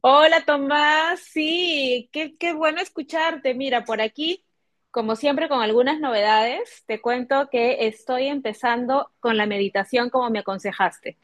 Hola Tomás, sí, qué bueno escucharte. Mira, por aquí, como siempre, con algunas novedades, te cuento que estoy empezando con la meditación como me aconsejaste.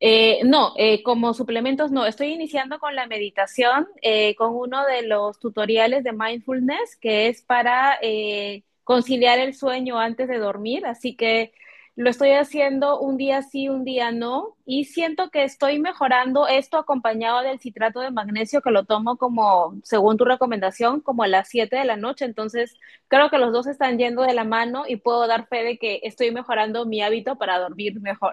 No, como suplementos no. Estoy iniciando con la meditación, con uno de los tutoriales de mindfulness que es para conciliar el sueño antes de dormir. Así que lo estoy haciendo un día sí, un día no. Y siento que estoy mejorando esto acompañado del citrato de magnesio que lo tomo como, según tu recomendación, como a las 7 de la noche. Entonces, creo que los dos están yendo de la mano y puedo dar fe de que estoy mejorando mi hábito para dormir mejor.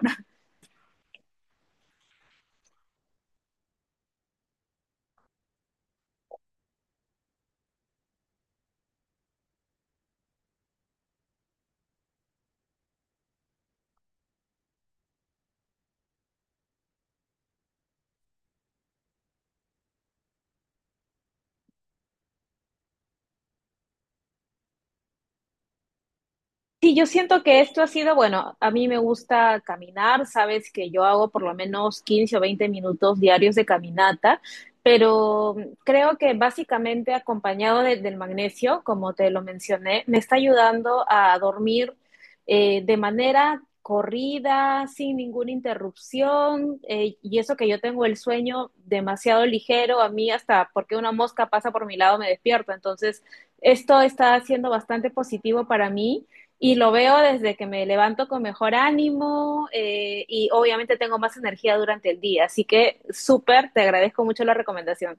Sí, yo siento que esto ha sido, bueno, a mí me gusta caminar, sabes que yo hago por lo menos 15 o 20 minutos diarios de caminata, pero creo que básicamente acompañado del magnesio, como te lo mencioné, me está ayudando a dormir de manera corrida, sin ninguna interrupción, y eso que yo tengo el sueño demasiado ligero, a mí hasta porque una mosca pasa por mi lado me despierto, entonces esto está siendo bastante positivo para mí y lo veo desde que me levanto con mejor ánimo y obviamente tengo más energía durante el día. Así que súper, te agradezco mucho la recomendación.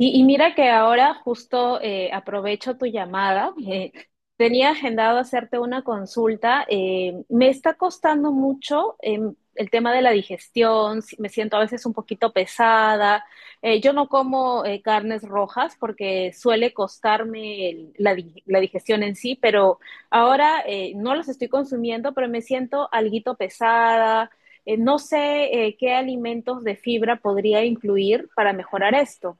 Y mira que ahora justo aprovecho tu llamada. Tenía agendado hacerte una consulta. Me está costando mucho el tema de la digestión. Me siento a veces un poquito pesada. Yo no como carnes rojas porque suele costarme la digestión en sí, pero ahora no las estoy consumiendo, pero me siento alguito pesada. No sé qué alimentos de fibra podría incluir para mejorar esto.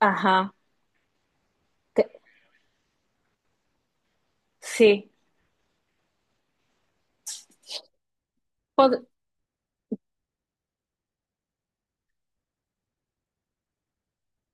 Ajá, que- sí.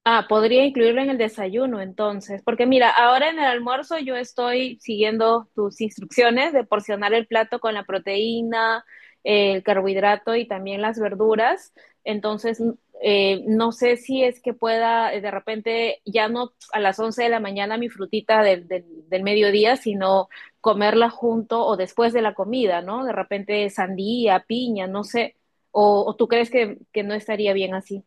Ah, podría incluirlo en el desayuno entonces, porque mira, ahora en el almuerzo yo estoy siguiendo tus instrucciones de porcionar el plato con la proteína, el carbohidrato y también las verduras. Entonces, no sé si es que pueda de repente ya no a las 11 de la mañana mi frutita del mediodía, sino comerla junto o después de la comida, ¿no? De repente sandía, piña, no sé. ¿O tú crees que no estaría bien así?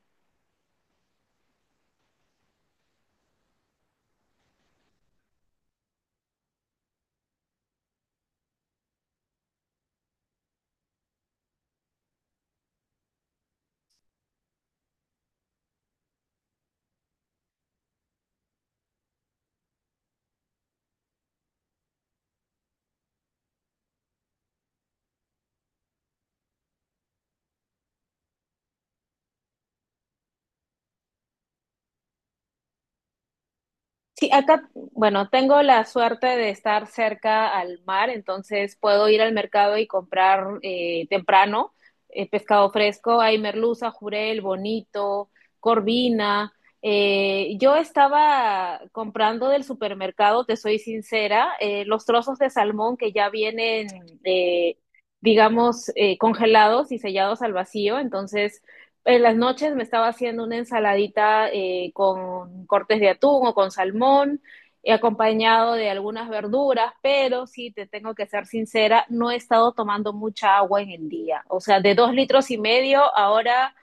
Sí, acá, bueno, tengo la suerte de estar cerca al mar, entonces puedo ir al mercado y comprar temprano pescado fresco. Hay merluza, jurel, bonito, corvina. Yo estaba comprando del supermercado, te soy sincera, los trozos de salmón que ya vienen, eh, digamos, congelados y sellados al vacío, entonces en las noches me estaba haciendo una ensaladita con cortes de atún o con salmón, acompañado de algunas verduras, pero sí, te tengo que ser sincera, no he estado tomando mucha agua en el día. O sea, de 2,5 litros, ahora,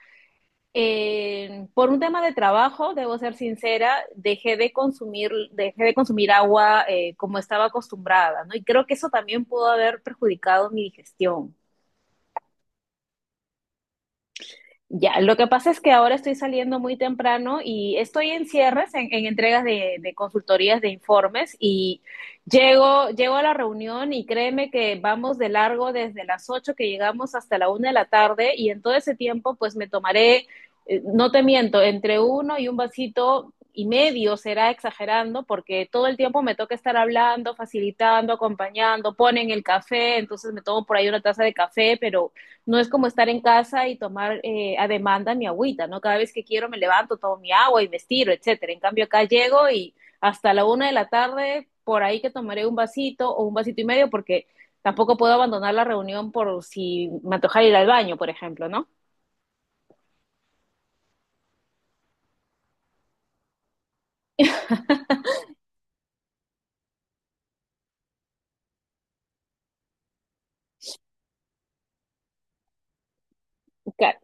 por un tema de trabajo, debo ser sincera, dejé de consumir agua como estaba acostumbrada, ¿no? Y creo que eso también pudo haber perjudicado mi digestión. Ya, lo que pasa es que ahora estoy saliendo muy temprano y estoy en cierres, en entregas de consultorías, de informes y llego a la reunión y créeme que vamos de largo desde las 8 que llegamos hasta la 1 de la tarde y en todo ese tiempo pues me tomaré, no te miento, entre uno y un vasito y medio será exagerando porque todo el tiempo me toca estar hablando, facilitando, acompañando, ponen el café, entonces me tomo por ahí una taza de café, pero no es como estar en casa y tomar a demanda mi agüita, ¿no? Cada vez que quiero me levanto, tomo mi agua y me estiro, etcétera. En cambio, acá llego y hasta la una de la tarde, por ahí que tomaré un vasito o un vasito y medio, porque tampoco puedo abandonar la reunión por si me antoja ir al baño, por ejemplo, ¿no? Claro.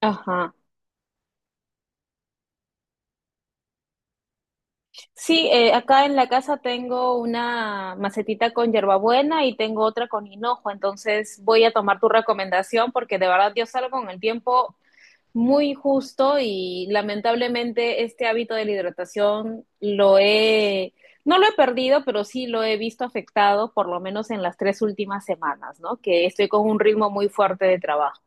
Ajá. Sí, acá en la casa tengo una macetita con hierbabuena y tengo otra con hinojo, entonces voy a tomar tu recomendación porque de verdad yo salgo con el tiempo muy justo y lamentablemente este hábito de la hidratación no lo he perdido, pero sí lo he visto afectado por lo menos en las 3 últimas semanas, ¿no? Que estoy con un ritmo muy fuerte de trabajo.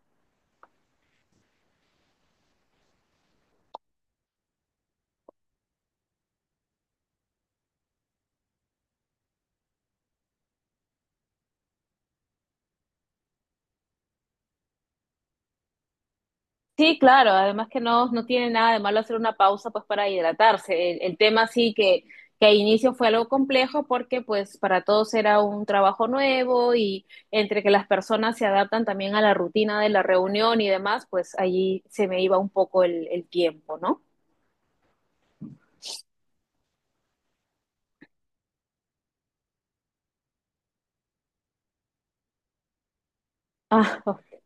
Sí, claro, además que no, no tiene nada de malo hacer una pausa pues para hidratarse. El tema sí que al inicio fue algo complejo porque pues para todos era un trabajo nuevo y entre que las personas se adaptan también a la rutina de la reunión y demás, pues allí se me iba un poco el tiempo, ¿no?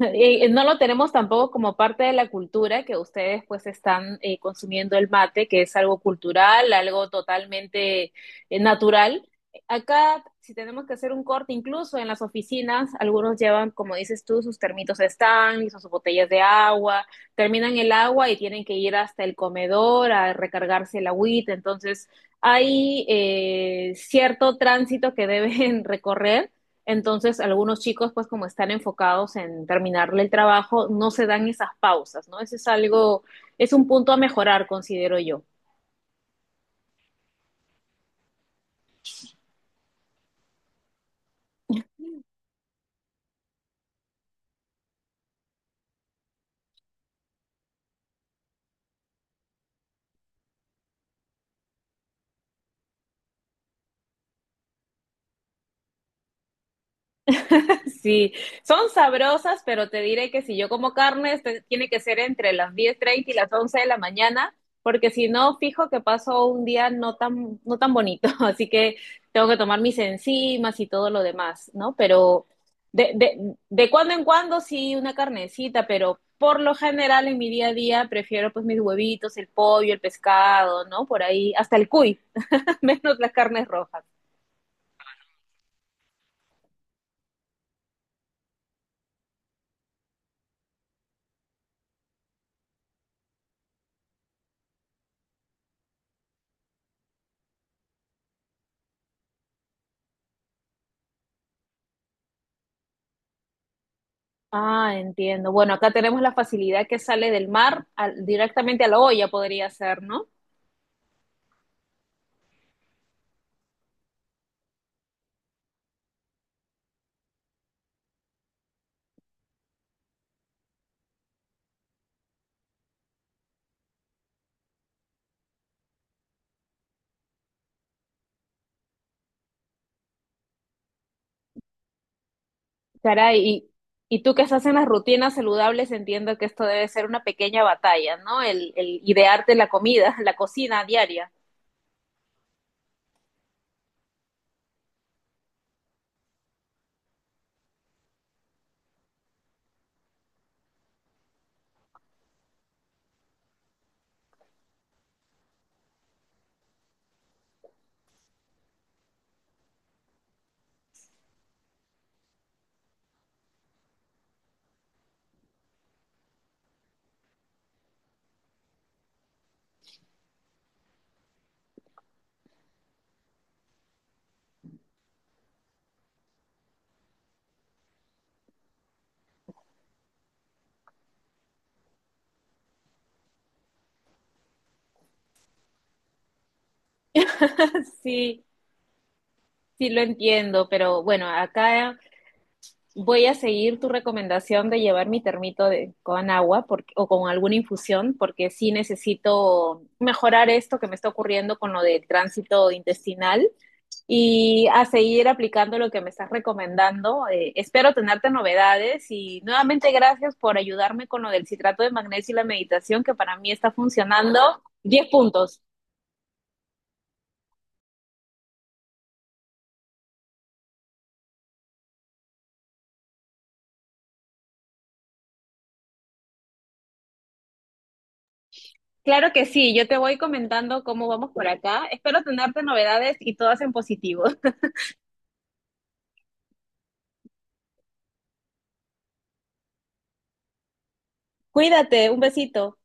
No lo tenemos tampoco como parte de la cultura que ustedes pues están consumiendo el mate, que es algo cultural, algo totalmente natural. Acá, si tenemos que hacer un corte, incluso en las oficinas, algunos llevan, como dices tú, sus termitos de Stanley, sus botellas de agua, terminan el agua y tienen que ir hasta el comedor a recargarse el agüita. Entonces, hay cierto tránsito que deben recorrer entonces, algunos chicos, pues como están enfocados en terminarle el trabajo, no se dan esas pausas, ¿no? Ese es algo, es un punto a mejorar, considero yo. Sí, son sabrosas, pero te diré que si yo como carne, este tiene que ser entre las 10:30 y las 11 de la mañana, porque si no, fijo que paso un día no tan, no tan bonito, así que tengo que tomar mis enzimas y todo lo demás, ¿no? Pero de cuando en cuando sí una carnecita, pero por lo general en mi día a día prefiero pues mis huevitos, el pollo, el pescado, ¿no? Por ahí, hasta el cuy, menos las carnes rojas. Ah, entiendo. Bueno, acá tenemos la facilidad que sale del mar directamente a la olla, podría ser, ¿no? Caray, y tú que estás en las rutinas saludables, entiendo que esto debe ser una pequeña batalla, ¿no? El idearte la comida, la cocina diaria. Sí, sí lo entiendo, pero bueno, acá voy a seguir tu recomendación de llevar mi termito con agua porque, o con alguna infusión, porque sí necesito mejorar esto que me está ocurriendo con lo del tránsito intestinal. Y a seguir aplicando lo que me estás recomendando. Espero tenerte novedades y nuevamente gracias por ayudarme con lo del citrato de magnesio y la meditación que para mí está funcionando. 10 puntos. Claro que sí, yo te voy comentando cómo vamos por acá. Espero tenerte novedades y todas en positivo. Cuídate, un besito.